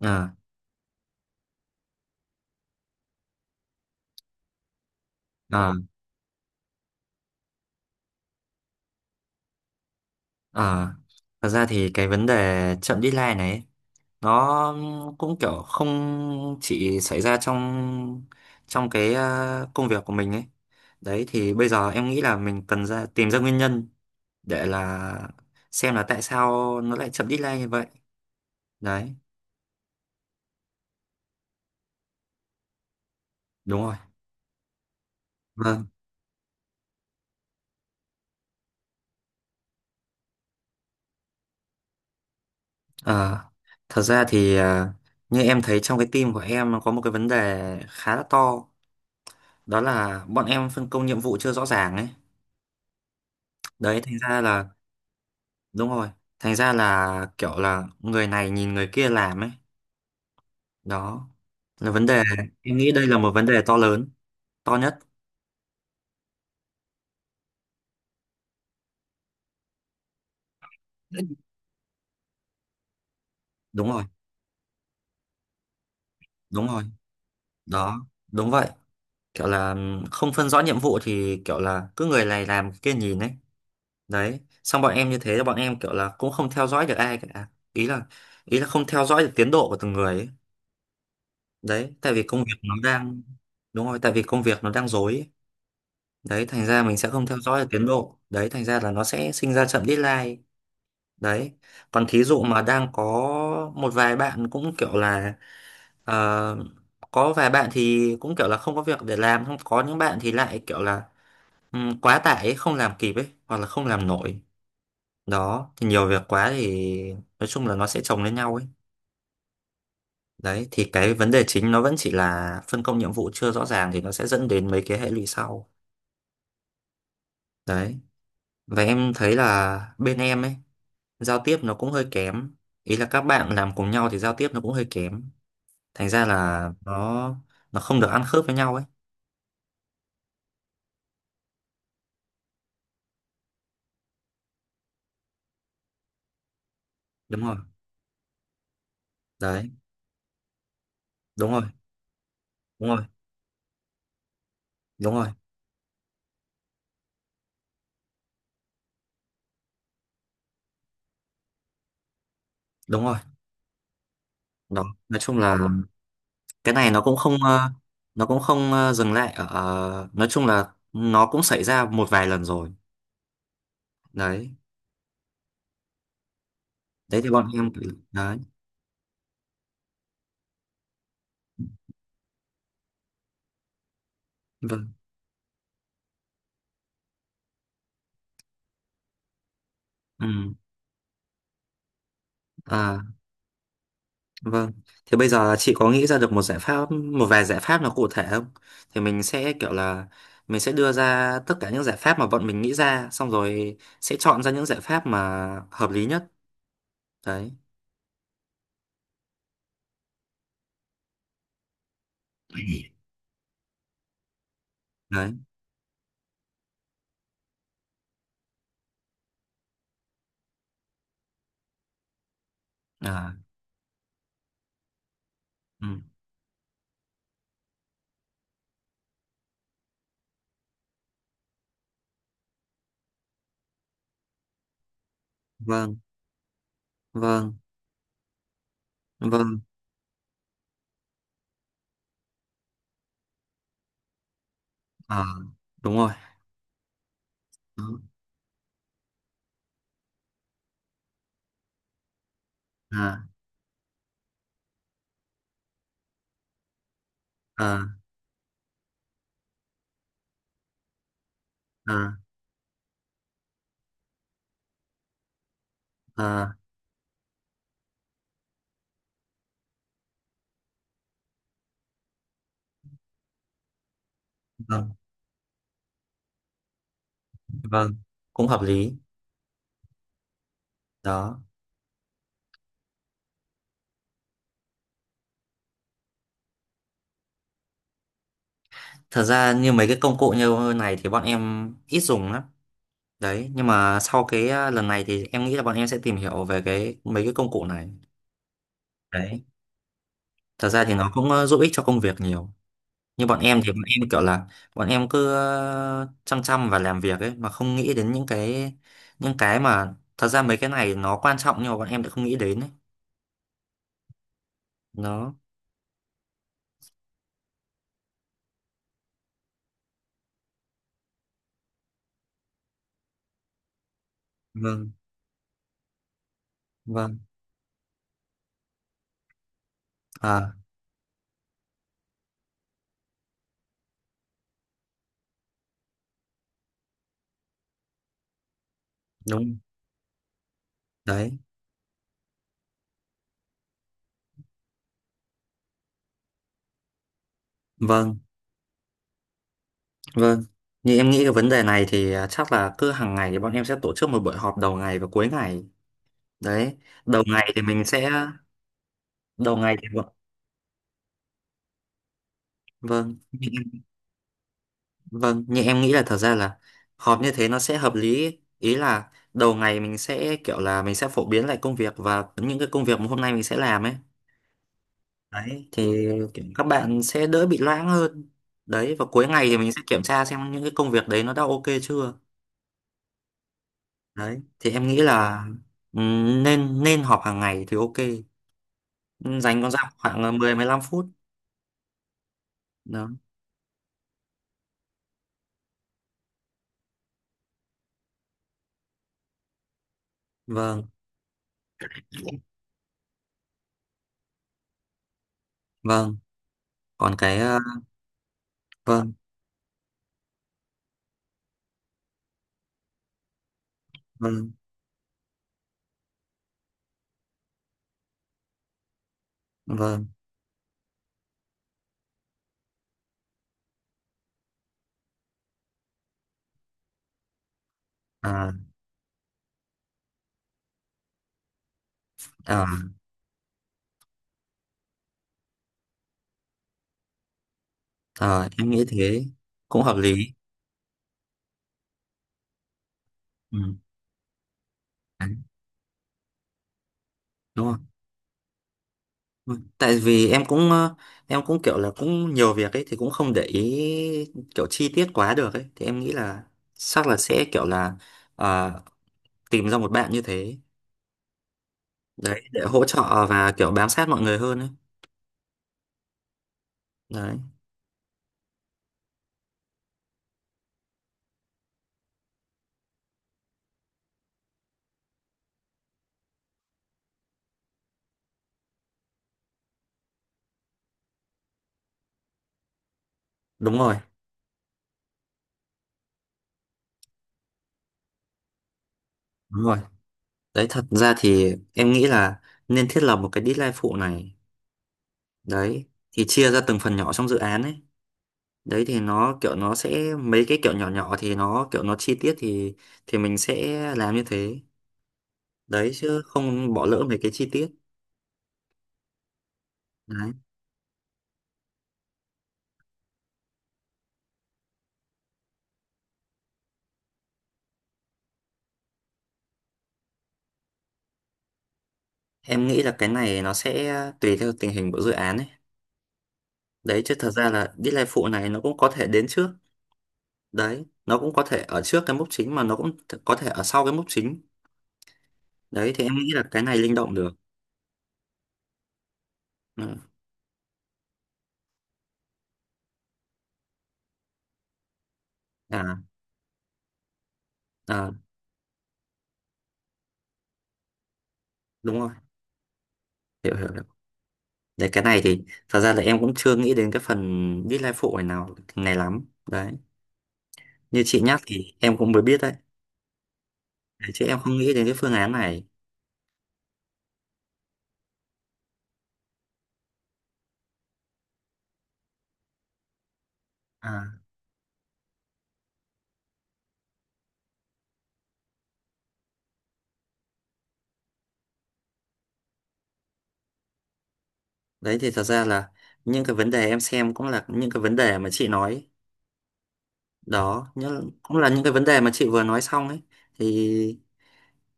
À, à, à. Thật ra thì cái vấn đề chậm deadline này ấy, nó cũng kiểu không chỉ xảy ra trong trong cái công việc của mình ấy. Đấy thì bây giờ em nghĩ là mình cần ra tìm ra nguyên nhân để là xem là tại sao nó lại chậm deadline như vậy. Đấy. Đúng rồi. Vâng. Ờ, Thật ra thì như em thấy trong cái team của em nó có một cái vấn đề khá là to, đó là bọn em phân công nhiệm vụ chưa rõ ràng ấy. Đấy thành ra là. Đúng rồi. Thành ra là kiểu là người này nhìn người kia làm ấy. Đó. Là vấn đề, em nghĩ đây là một vấn đề to lớn, to nhất. Đúng rồi, đúng rồi. Đó, đúng vậy. Kiểu là không phân rõ nhiệm vụ thì kiểu là cứ người này làm người kia nhìn ấy. Đấy. Xong bọn em như thế là bọn em kiểu là cũng không theo dõi được ai cả. Ý là không theo dõi được tiến độ của từng người ấy. Đấy, tại vì công việc nó đang đúng rồi, tại vì công việc nó đang rối ấy. Đấy thành ra mình sẽ không theo dõi được tiến độ, đấy thành ra là nó sẽ sinh ra chậm deadline. Đấy. Còn thí dụ mà đang có một vài bạn cũng kiểu là ờ, có vài bạn thì cũng kiểu là không có việc để làm, không có những bạn thì lại kiểu là quá tải ấy, không làm kịp ấy hoặc là không làm nổi. Đó thì nhiều việc quá thì nói chung là nó sẽ chồng lên nhau ấy. Đấy thì cái vấn đề chính nó vẫn chỉ là phân công nhiệm vụ chưa rõ ràng thì nó sẽ dẫn đến mấy cái hệ lụy sau. Đấy. Và em thấy là bên em ấy, giao tiếp nó cũng hơi kém, ý là các bạn làm cùng nhau thì giao tiếp nó cũng hơi kém, thành ra là nó không được ăn khớp với nhau ấy. Đúng rồi. Đấy. Đúng rồi. Đúng rồi. Đúng rồi. Đúng rồi. Đó, nói chung là cái này nó cũng không nó cũng không dừng lại ở nói chung là nó cũng xảy ra một vài lần rồi. Đấy. Đấy thì bọn em. Đấy. Vâng. Ừ. À, vâng, thì bây giờ chị có nghĩ ra được một giải pháp, một vài giải pháp nào cụ thể không? Thì mình sẽ kiểu là mình sẽ đưa ra tất cả những giải pháp mà bọn mình nghĩ ra, xong rồi sẽ chọn ra những giải pháp mà hợp lý nhất. Đấy, đấy. À, ừ. Vâng, vâng, vâng. À, đúng rồi. Đó. À, à, à, à, vâng, vâng. Cũng hợp lý. Đó. Thật ra như mấy cái công cụ như này thì bọn em ít dùng lắm. Đấy, nhưng mà sau cái lần này thì em nghĩ là bọn em sẽ tìm hiểu về cái mấy cái công cụ này. Đấy, thật ra thì nó cũng giúp ích cho công việc nhiều. Như bọn em thì bọn em kiểu là bọn em cứ chăm chăm và làm việc ấy mà không nghĩ đến những cái mà thật ra mấy cái này nó quan trọng nhưng mà bọn em lại không nghĩ đến ấy. Nó. Vâng, vâng. À, đúng. Đấy. Vâng, vâng. Như em nghĩ cái vấn đề này thì chắc là cứ hàng ngày thì bọn em sẽ tổ chức một buổi họp đầu ngày và cuối ngày. Đấy. đầu ngày thì mình sẽ Đầu ngày thì, vâng, vâng, vâng, nhưng em nghĩ là thật ra là họp như thế nó sẽ hợp lý, ý là đầu ngày mình sẽ kiểu là mình sẽ phổ biến lại công việc và những cái công việc mà hôm nay mình sẽ làm ấy. Đấy thì kiểu các bạn sẽ đỡ bị loãng hơn. Đấy và cuối ngày thì mình sẽ kiểm tra xem những cái công việc đấy nó đã ok chưa. Đấy thì em nghĩ là nên nên họp hàng ngày thì ok. Dành con ra khoảng 10-15 phút. Đó. Vâng, vâng. Còn cái vâng, vâng, vâng. À, à. Ờ, em nghĩ thế cũng hợp lý. Ừ. Đấy, đúng không? Ừ. Tại vì em cũng em cũng kiểu là cũng nhiều việc ấy thì cũng không để ý kiểu chi tiết quá được ấy thì em nghĩ là chắc là sẽ kiểu là ờ, tìm ra một bạn như thế. Đấy để hỗ trợ và kiểu bám sát mọi người hơn ấy. Đấy, đúng rồi, đúng rồi. Đấy thật ra thì em nghĩ là nên thiết lập một cái deadline phụ này. Đấy, thì chia ra từng phần nhỏ trong dự án ấy. Đấy thì nó kiểu nó sẽ mấy cái kiểu nhỏ nhỏ thì nó kiểu nó chi tiết thì mình sẽ làm như thế. Đấy chứ không bỏ lỡ mấy cái chi tiết. Đấy em nghĩ là cái này nó sẽ tùy theo tình hình của dự án ấy. Đấy chứ thật ra là deadline phụ này nó cũng có thể đến trước. Đấy nó cũng có thể ở trước cái mốc chính mà nó cũng có thể ở sau cái mốc chính. Đấy thì em nghĩ là cái này linh động được. Ừ. À, à. Đúng rồi. Hiểu, hiểu, hiểu. Đấy cái này thì thật ra là em cũng chưa nghĩ đến cái phần deadline phụ này nào này lắm. Đấy. Như chị nhắc thì em cũng mới biết đấy chứ em không nghĩ đến cái phương án này. À. Đấy thì thật ra là những cái vấn đề em xem cũng là những cái vấn đề mà chị nói. Đó nhưng cũng là những cái vấn đề mà chị vừa nói xong ấy, thì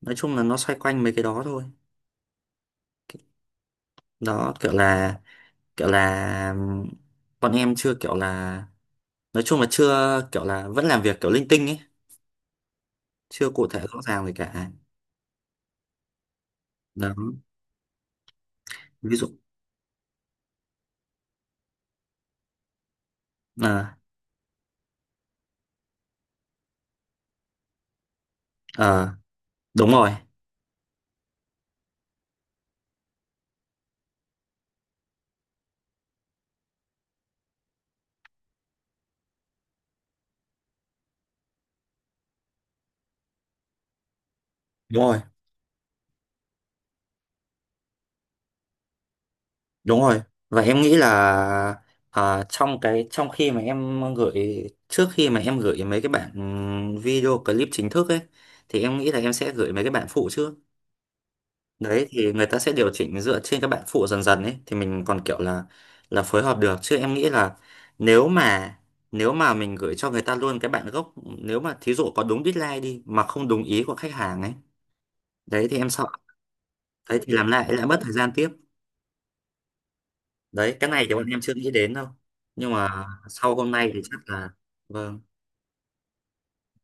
nói chung là nó xoay quanh mấy cái đó thôi. Đó kiểu là kiểu là ừm, bọn em chưa kiểu là nói chung là chưa kiểu là vẫn làm việc kiểu linh tinh ấy, chưa cụ thể rõ ràng gì cả. Đó. Ví dụ. À, ờ, đúng rồi, đúng rồi. Đúng rồi. Và em nghĩ là trong cái trong khi mà em gửi trước khi mà em gửi mấy cái bản video clip chính thức ấy thì em nghĩ là em sẽ gửi mấy cái bản phụ trước. Đấy thì người ta sẽ điều chỉnh dựa trên các bản phụ dần dần ấy thì mình còn kiểu là phối hợp được chứ em nghĩ là nếu mà nếu mà mình gửi cho người ta luôn cái bản gốc, nếu mà thí dụ có đúng deadline đi mà không đúng ý của khách hàng ấy. Đấy thì em sợ. Đấy thì làm lại lại mất thời gian tiếp. Đấy cái này thì bọn em chưa nghĩ đến đâu, nhưng mà sau hôm nay thì chắc là vâng.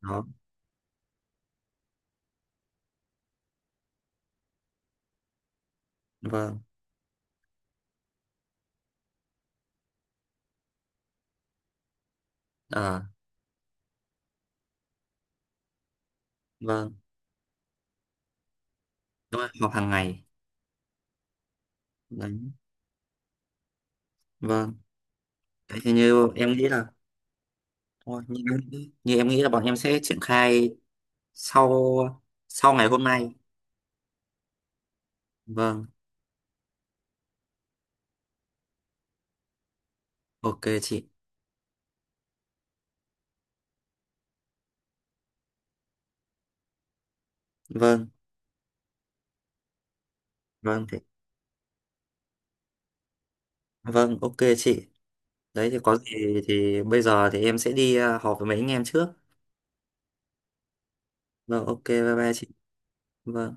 Đó. Vâng. Ờ. Vâng, đúng rồi, học hàng ngày. Đấy. Vâng. Đấy thì như em nghĩ là thôi, như, như em nghĩ là bọn em sẽ triển khai sau, sau ngày hôm nay. Vâng, ok chị. Vâng, vâng thì vâng, ok chị. Đấy thì có gì thì bây giờ thì em sẽ đi họp với mấy anh em trước. Vâng, ok, bye bye chị. Vâng.